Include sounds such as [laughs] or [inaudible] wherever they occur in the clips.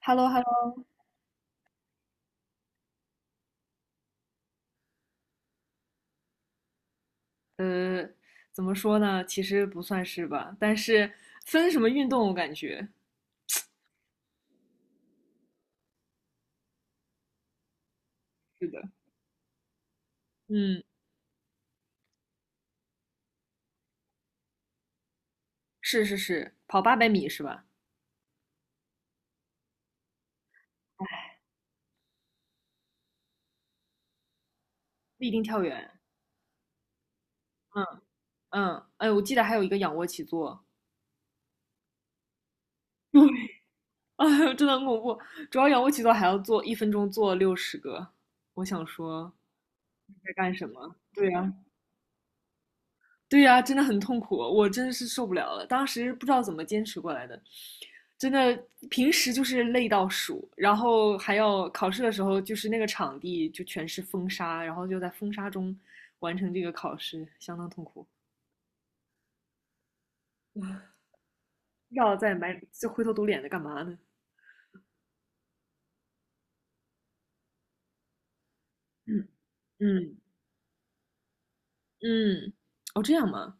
h e l l o h e l l o。 呃，怎么说呢？其实不算是吧，但是分什么运动，我感觉是的。嗯，是是是，跑800米是吧？立定跳远。嗯嗯，哎，我记得还有一个仰卧起坐。 [laughs]，对，[laughs] 哎呦，真的很恐怖，主要仰卧起坐还要做1分钟做60个，我想说在干什么？对呀、对呀、啊真的很痛苦，我真的是受不了了。当时不知道怎么坚持过来的，真的平时就是累到数，然后还要考试的时候，就是那个场地就全是风沙，然后就在风沙中完成这个考试，相当痛苦。不知道在埋就灰头土脸的干嘛呢？嗯嗯嗯，哦这样吗？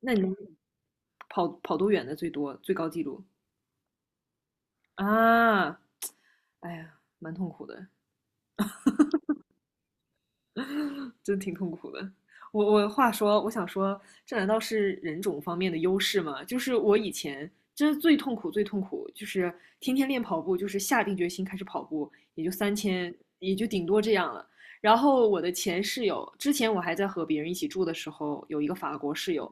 那你们跑多远的最多最高记录啊？哎呀，蛮痛苦的。[laughs] 真挺痛苦的。我想说，这难道是人种方面的优势吗？就是我以前真是最痛苦、最痛苦，就是天天练跑步，就是下定决心开始跑步，也就3000，也就顶多这样了。然后我的前室友，之前我还在和别人一起住的时候，有一个法国室友，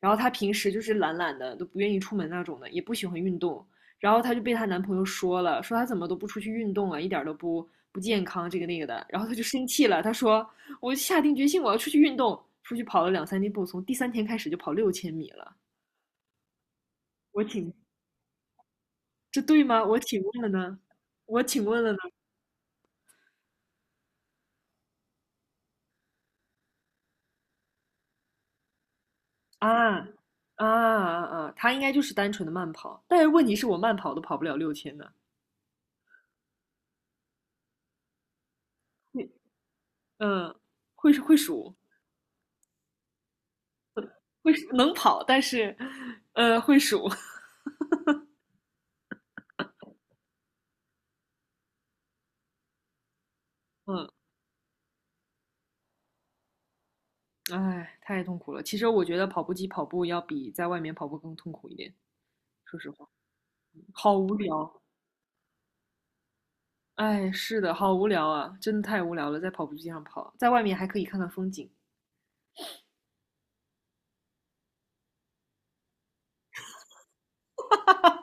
然后他平时就是懒懒的，都不愿意出门那种的，也不喜欢运动。然后她就被她男朋友说了，说她怎么都不出去运动啊，一点都不健康，这个那个的。然后她就生气了，她说：“我下定决心我要出去运动，出去跑了两三天步，从第三天开始就跑6000米了。”我请，这对吗？我请问了呢？啊啊啊啊！她应该就是单纯的慢跑，但是问题是我慢跑都跑不了六千呢。会嗯，会会数，会能跑，但是呃会数，嗯。哎，太痛苦了。其实我觉得跑步机跑步要比在外面跑步更痛苦一点，说实话，好无聊。哎，是的，好无聊啊，真的太无聊了，在跑步机上跑，在外面还可以看看风景。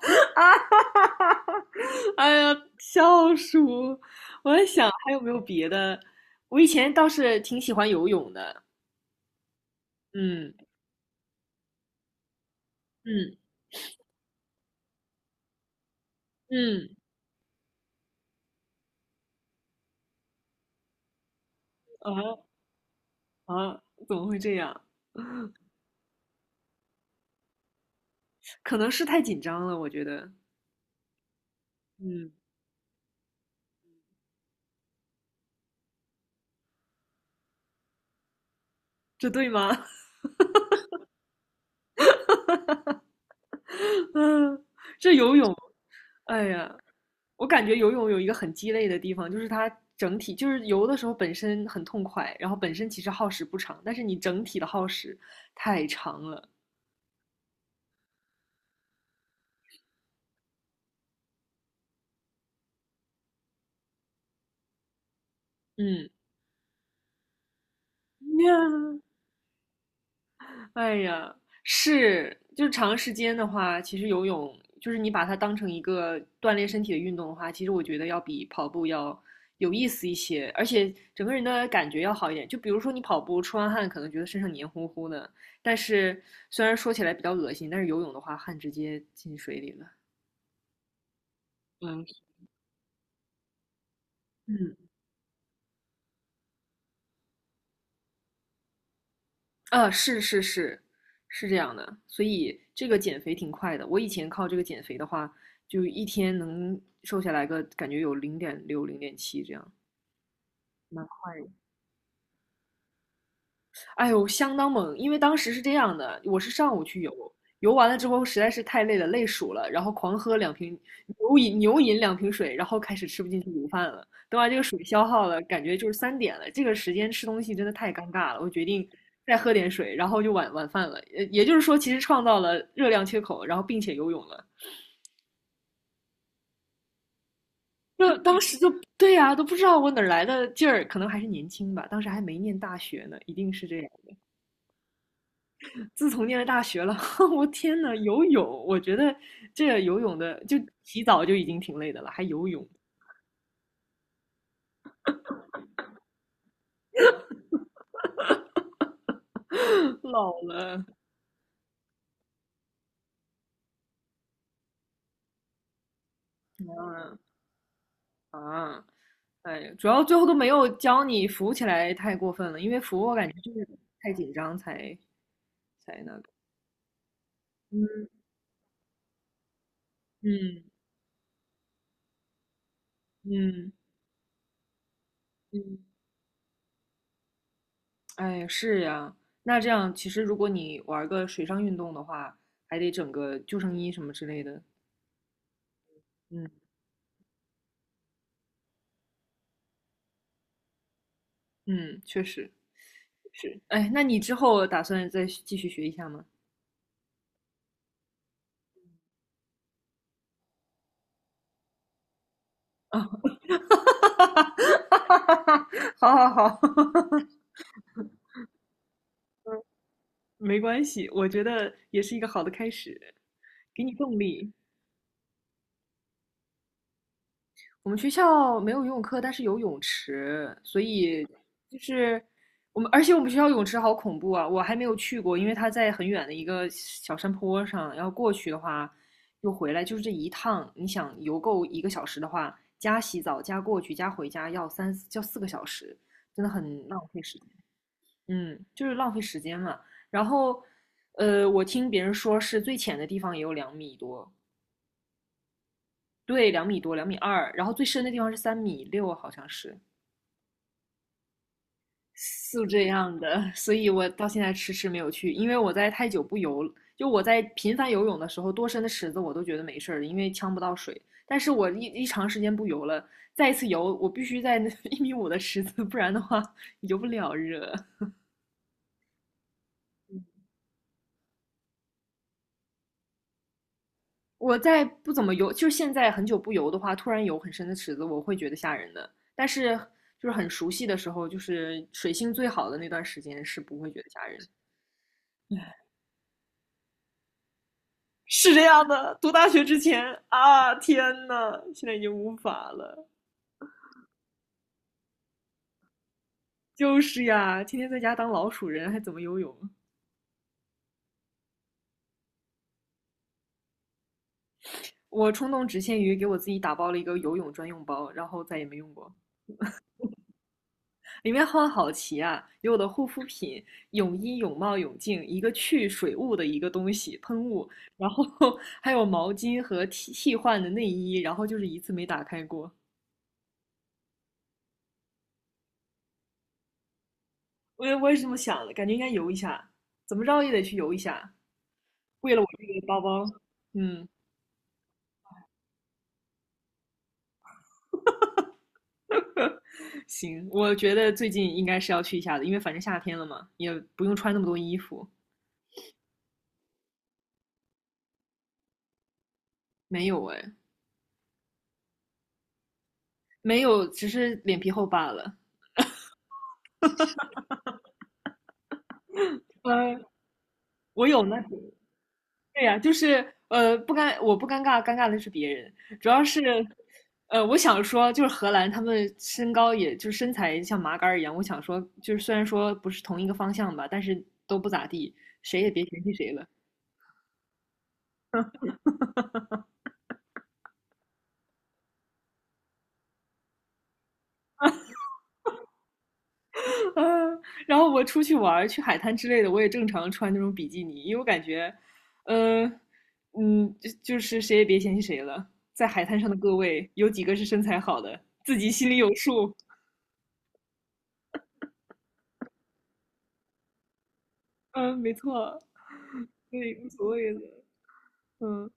[laughs] 啊哈哈哈，哎呀，笑死我我在想还有没有别的。我以前倒是挺喜欢游泳的。嗯嗯嗯，啊啊，怎么会这样？可能是太紧张了，我觉得。嗯，这对吗？[laughs] [laughs] 嗯，这游泳，哎呀，我感觉游泳有一个很鸡肋的地方，就是它整体就是游的时候本身很痛快，然后本身其实耗时不长，但是你整体的耗时太长了。嗯，[laughs] 哎呀，是，就是长时间的话，其实游泳就是你把它当成一个锻炼身体的运动的话，其实我觉得要比跑步要有意思一些，而且整个人的感觉要好一点。就比如说你跑步出完汗，可能觉得身上黏糊糊的，但是虽然说起来比较恶心，但是游泳的话，汗直接进水里了。嗯，嗯啊，是是是，是这样的，所以这个减肥挺快的。我以前靠这个减肥的话，就一天能瘦下来个感觉有0.6、0.7这样，蛮快哎呦，相当猛！因为当时是这样的，我是上午去游，游完了之后实在是太累了，累鼠了，然后狂喝两瓶牛饮牛饮两瓶水，然后开始吃不进去午饭了。等把这个水消耗了，感觉就是3点了，这个时间吃东西真的太尴尬了。我决定再喝点水，然后就晚饭了。也就是说，其实创造了热量缺口，然后并且游泳了。就当时就对呀、都不知道我哪儿来的劲儿，可能还是年轻吧，当时还没念大学呢，一定是这样。自从念了大学了，[laughs] 我天呐，游泳，我觉得这游泳的就洗澡就已经挺累的了，还游泳，[laughs] 老了。嗯啊，哎主要最后都没有教你浮起来，太过分了，因为浮我感觉就是太紧张才那个。嗯嗯嗯嗯，哎，是呀，那这样其实如果你玩个水上运动的话，还得整个救生衣什么之类的。嗯嗯，确实。是，哎，那你之后打算再继续学一下吗？[laughs] 好好好。[laughs] 没关系，我觉得也是一个好的开始，给你动力。我们学校没有游泳课，但是有泳池，所以就是我们，而且我们学校泳池好恐怖啊！我还没有去过，因为它在很远的一个小山坡上，要过去的话又回来，就是这一趟，你想游够一个小时的话，加洗澡、加过去、加回家要三要四个小时，真的很浪费时间。嗯，就是浪费时间嘛。然后，我听别人说是最浅的地方也有两米多。对，两米多，2.2米，然后最深的地方是3.6米，好像是。是这样的，[laughs] 所以我到现在迟迟没有去，因为我在太久不游，就我在频繁游泳的时候，多深的池子我都觉得没事儿因为呛不到水。但是我一长时间不游了，再一次游，我必须在 [laughs] 1.5米的池子，不然的话游不了热。我再不怎么游，就是现在很久不游的话，突然游很深的池子，我会觉得吓人的。但是就是很熟悉的时候，就是水性最好的那段时间，是不会觉得吓人的。是这样的，读大学之前啊，天呐，现在已经无法了。就是呀，天天在家当老鼠人，还怎么游泳？我冲动只限于给我自己打包了一个游泳专用包，然后再也没用过。里面好好奇啊，有我的护肤品、泳衣、泳帽、泳镜，一个去水雾的一个东西喷雾，然后 [laughs] 还有毛巾和替换的内衣，然后就是一次没打开过。我也是这么想的，感觉应该游一下，怎么着也得去游一下。为了我这个包包，嗯，行，我觉得最近应该是要去一下的，因为反正夏天了嘛，也不用穿那么多衣服。没有哎，没有，只是脸皮厚罢了。呃，我有呢。对呀、就是不尴，我不尴尬，尴尬的是别人，主要是。我想说，就是荷兰，他们身高也就是身材像麻杆儿一样。我想说，就是虽然说不是同一个方向吧，但是都不咋地，谁也别嫌弃谁了。[laughs] 嗯，啊然后我出去玩去海滩之类的，我也正常穿那种比基尼，因为我感觉，嗯，嗯，就是谁也别嫌弃谁了，在海滩上的各位，有几个是身材好的，自己心里有数。嗯，没错，[laughs] 对，无所谓的。嗯，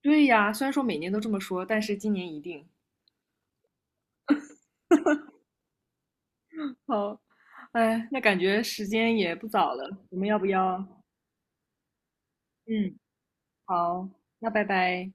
对呀，虽然说每年都这么说，但是今年一定好。哎，那感觉时间也不早了，我们要不要？嗯，好，那拜拜。